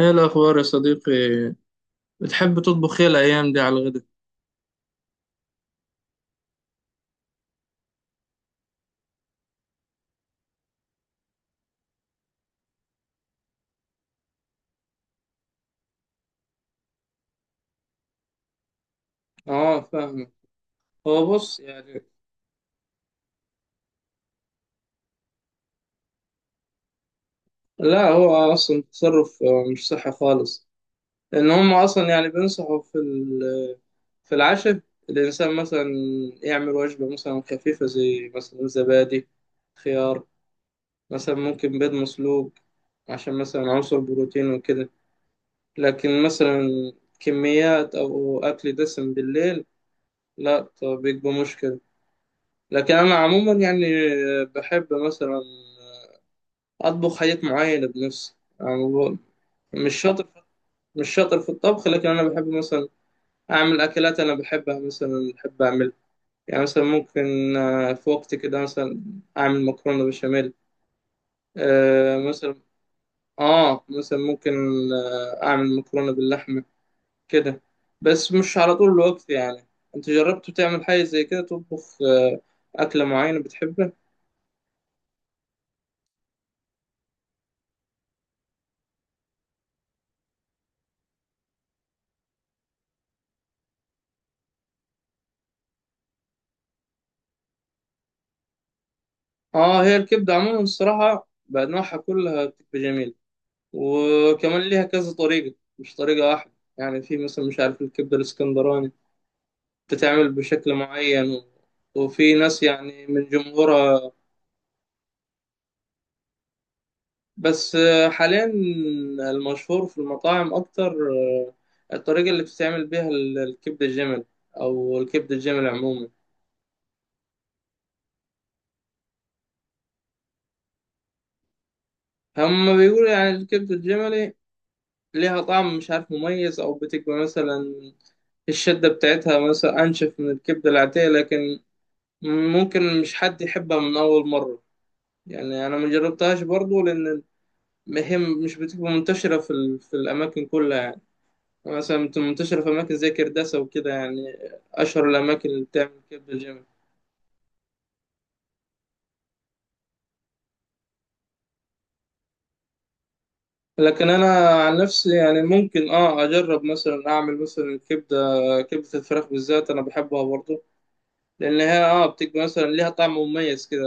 ايه الاخبار يا صديقي؟ بتحب تطبخ ايه الايام دي على الغدا؟ اه، فاهمك. هو بص يعني. لا، هو اصلا تصرف مش صحي خالص. لان هم اصلا يعني بينصحوا في العشاء. الانسان مثلا يعمل وجبه مثلا خفيفه، زي مثلا زبادي، خيار، مثلا ممكن بيض مسلوق، عشان مثلا عنصر بروتين وكده. لكن مثلا كميات او اكل دسم بالليل، لا، طب بيبقى مشكله. لكن أنا عموما يعني بحب مثلا أطبخ حاجات معينة بنفسي، يعني مش شاطر في- مش شاطر في الطبخ. لكن أنا بحب مثلا أعمل أكلات أنا بحبها، مثلا بحب أعمل يعني مثلا ممكن في وقت كده مثلا أعمل مكرونة بشاميل، مثلا مثلا ممكن أعمل مكرونة باللحمة، كده. بس مش على طول الوقت يعني. أنت جربت تعمل حاجة زي كده؟ تطبخ أكلة معينة بتحبها؟ اه، هي الكبدة عموما الصراحة بأنواعها كلها بتبقى جميلة، وكمان ليها كذا طريقة مش طريقة واحدة. يعني في مثلا، مش عارف، الكبدة الاسكندراني بتتعمل بشكل معين، و... وفي ناس يعني من جمهورها. بس حاليا المشهور في المطاعم أكتر، الطريقة اللي بتتعمل بيها الكبدة الجملي، أو الكبدة الجملي عموما. هم بيقولوا يعني الكبدة الجملي ليها طعم، مش عارف، مميز، أو بتبقى مثلا الشدة بتاعتها مثلا أنشف من الكبدة العادية. لكن ممكن مش حد يحبها من أول مرة، يعني أنا ما جربتهاش برضو، لأن هي مش بتبقى منتشرة في الأماكن كلها يعني. مثلا بتبقى منتشرة في أماكن زي كرداسة وكده، يعني أشهر الأماكن اللي بتعمل كبدة جامد. لكن أنا عن نفسي يعني ممكن أجرب، مثلا أعمل مثلا كبدة الفراخ بالذات، أنا بحبها برضو، لأن هي بتبقى مثلا ليها طعم مميز كده،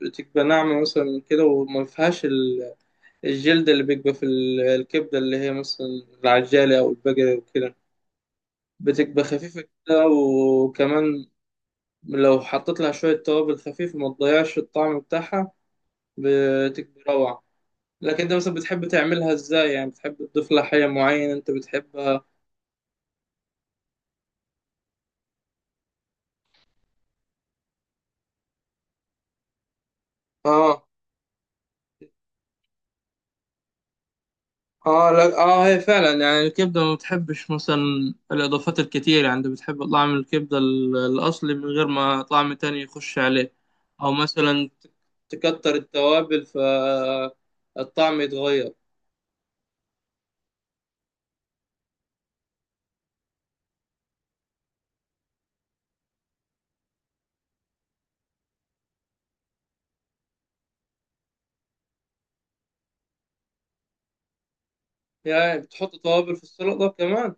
بتبقى ناعمة مثلا كده، وما فيهاش الجلد اللي بيبقى في الكبدة اللي هي مثلا العجالة أو البقرة وكده، بتبقى خفيفة كده. وكمان لو حطيت لها شوية توابل خفيفة ما تضيعش الطعم بتاعها، بتبقى روعة. لكن أنت مثلا بتحب تعملها إزاي؟ يعني بتحب تضيف لها حاجة معينة أنت بتحبها؟ آه. اه. لا، اه هي فعلا يعني الكبده ما بتحبش مثلا الاضافات الكتير، يعني انت بتحب طعم الكبده الاصلي من غير ما طعم تاني يخش عليه. او مثلا تكتر التوابل، فالطعم يتغير. يعني بتحط توابل في السلطه كمان؟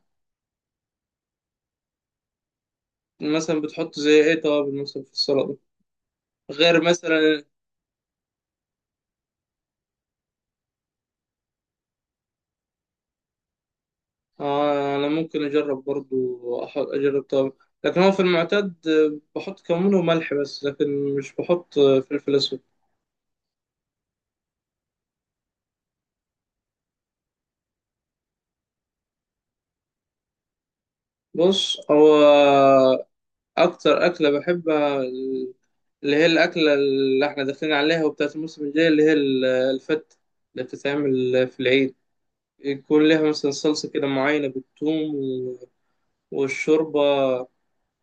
مثلا بتحط زي ايه توابل مثلا في السلطه؟ غير مثلا. آه، انا ممكن اجرب برضو، اجرب توابل. لكن هو في المعتاد بحط كمون وملح بس، لكن مش بحط فلفل اسود. بص هو، أكتر أكلة بحبها اللي هي الأكلة اللي إحنا داخلين عليها وبتاعت الموسم الجاي، اللي هي الفتة اللي بتتعمل في العيد. يكون لها مثلا صلصة كده معينة بالثوم، و- والشوربة،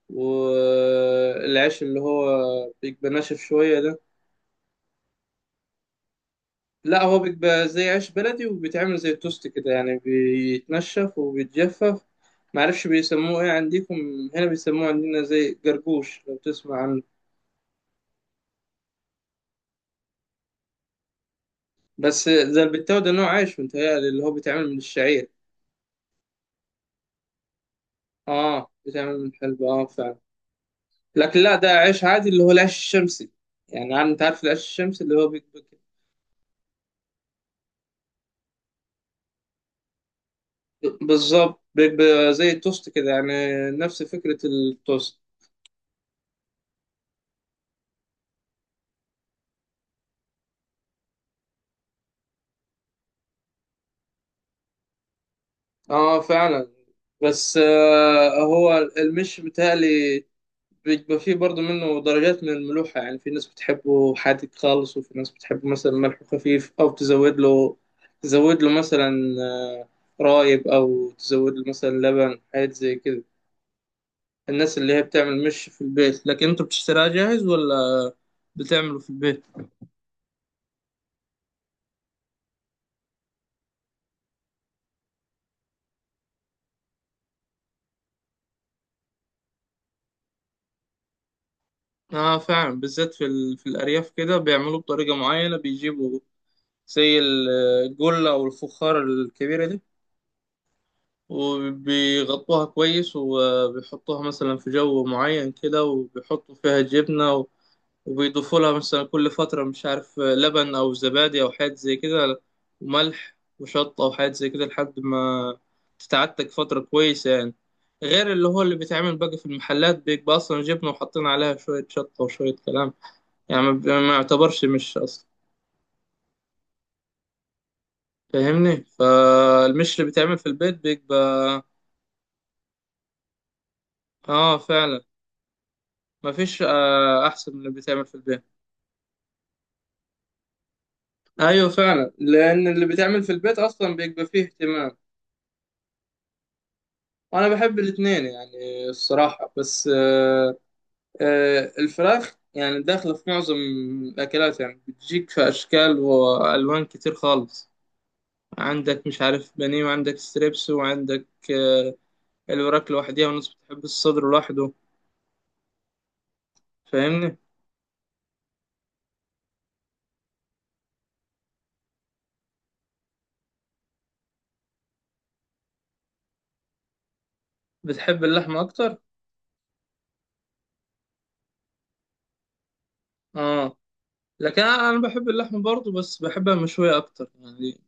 والعيش اللي هو بيبقى ناشف شوية ده. لا، هو بيبقى زي عيش بلدي وبيتعمل زي التوست كده، يعني بيتنشف وبيتجفف. معرفش بيسموه ايه عندكم. هنا بيسموه عندنا زي جرجوش، لو تسمع عنه. بس زي البتاو ده نوع عيش، متهيألي اللي هو بيتعمل من الشعير. اه، بيتعمل من الحلبة، اه فعلا. لكن لا، ده عيش عادي، اللي هو العيش الشمسي. يعني انت عارف العيش الشمسي اللي هو بيبقى كده. بالظبط بيبقى زي التوست كده، يعني نفس فكرة التوست. اه فعلا. بس هو المش متهيألي بيبقى فيه برضه منه درجات من الملوحة، يعني في ناس بتحبه حادق خالص، وفي ناس بتحبه مثلا ملحه خفيف، أو تزود له مثلا آه، رايب، أو تزود له مثلا لبن، حاجات زي كده. الناس اللي هي بتعمل مش في البيت، لكن انتوا بتشتريها جاهز ولا بتعمله في البيت؟ اه فعلا، بالذات في الأرياف كده بيعملوه بطريقة معينة، بيجيبوا زي الجلة أو الفخار الكبيرة دي، وبيغطوها كويس، وبيحطوها مثلا في جو معين كده، وبيحطوا فيها جبنة، وبيضيفوا لها مثلا كل فترة، مش عارف، لبن أو زبادي أو حاجات زي كده، وملح وشطة أو حاجات زي كده، لحد ما تتعتك فترة كويسة يعني. غير اللي هو اللي بيتعمل بقى في المحلات، بيبقى أصلا جبنة وحاطين عليها شوية شطة وشوية كلام، يعني ما يعتبرش مش أصلا. فاهمني، فالمش اللي بيتعمل في البيت بيبقى. آه فعلا، مفيش احسن من اللي بيتعمل في البيت. ايوه فعلا، لان اللي بيتعمل في البيت اصلا بيبقى فيه اهتمام. وانا بحب الاتنين يعني الصراحه، بس الفراخ يعني داخله في معظم الاكلات، يعني بتجيك في اشكال والوان كتير خالص. عندك، مش عارف، بانيه، وعندك ستريبس، وعندك الوراك لوحديها، وناس بتحب الصدر لوحده، فاهمني. بتحب اللحمه اكتر؟ اه، لكن انا بحب اللحمه برضه، بس بحبها مشويه اكتر يعني،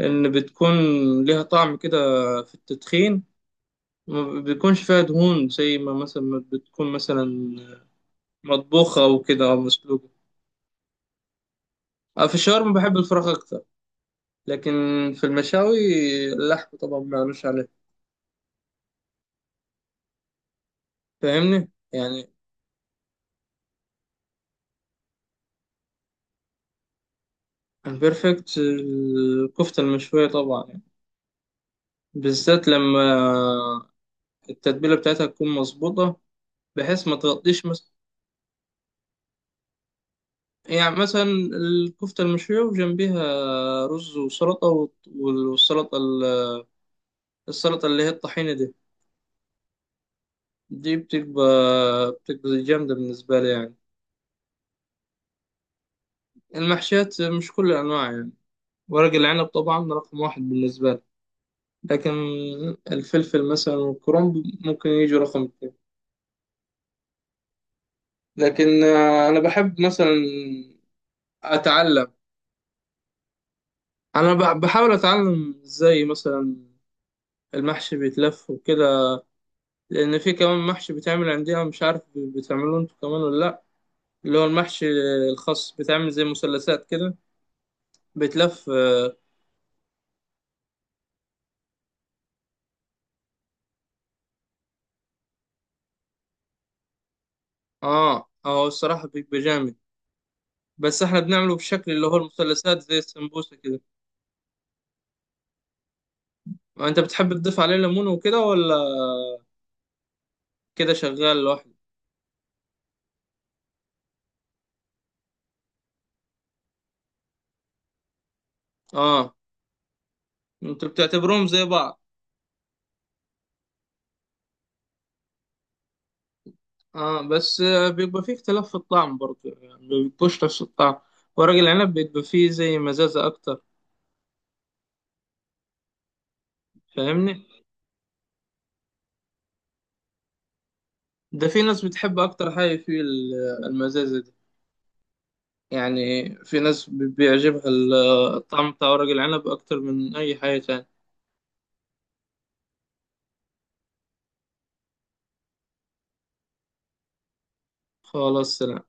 لأن بتكون ليها طعم كده في التدخين، ما بيكونش فيها دهون زي ما مثلا ما بتكون مثلا مطبوخة أو كده أو مسلوقة. أنا في الشاورما بحب الفراخ أكتر. لكن في المشاوي، اللحم طبعا ما قالوش عليه، فاهمني يعني. البرفكت الكفتة المشوية طبعا يعني. بالذات لما التتبيلة بتاعتها تكون مظبوطة، بحيث ما تغطيش مثلا. يعني مثلا الكفتة المشوية وجنبيها رز وسلطة، والسلطة السلطة اللي هي الطحينة دي بتبقى جامدة بالنسبة لي يعني. المحشيات مش كل الأنواع يعني. ورق العنب طبعا رقم واحد بالنسبة لي، لكن الفلفل مثلا والكرنب ممكن يجوا رقم اتنين. لكن أنا بحب مثلا أتعلم، أنا بحاول أتعلم إزاي مثلا المحشي بيتلف وكده، لأن في كمان محشي بيتعمل عندنا، مش عارف بتعملوه انتوا كمان ولا لأ، اللي هو المحشي الخاص بيتعمل زي مثلثات كده، بيتلف. اه، هو الصراحة بيبقى جامد، بس احنا بنعمله بشكل اللي هو المثلثات زي السمبوسة كده. انت بتحب تضيف عليه ليمون وكده، ولا كده شغال لوحده؟ اه، انت بتعتبرهم زي بعض؟ اه، بس بيبقى فيه اختلاف في الطعم برضه، يعني ما بيبقوش نفس الطعم. ورق العنب بيبقى فيه زي مزازة اكتر، فاهمني. ده في ناس بتحب اكتر حاجة فيه المزازة دي، يعني في ناس بيعجبها الطعم بتاع ورق العنب اكتر من اي حاجة تانية. خلاص، سلام.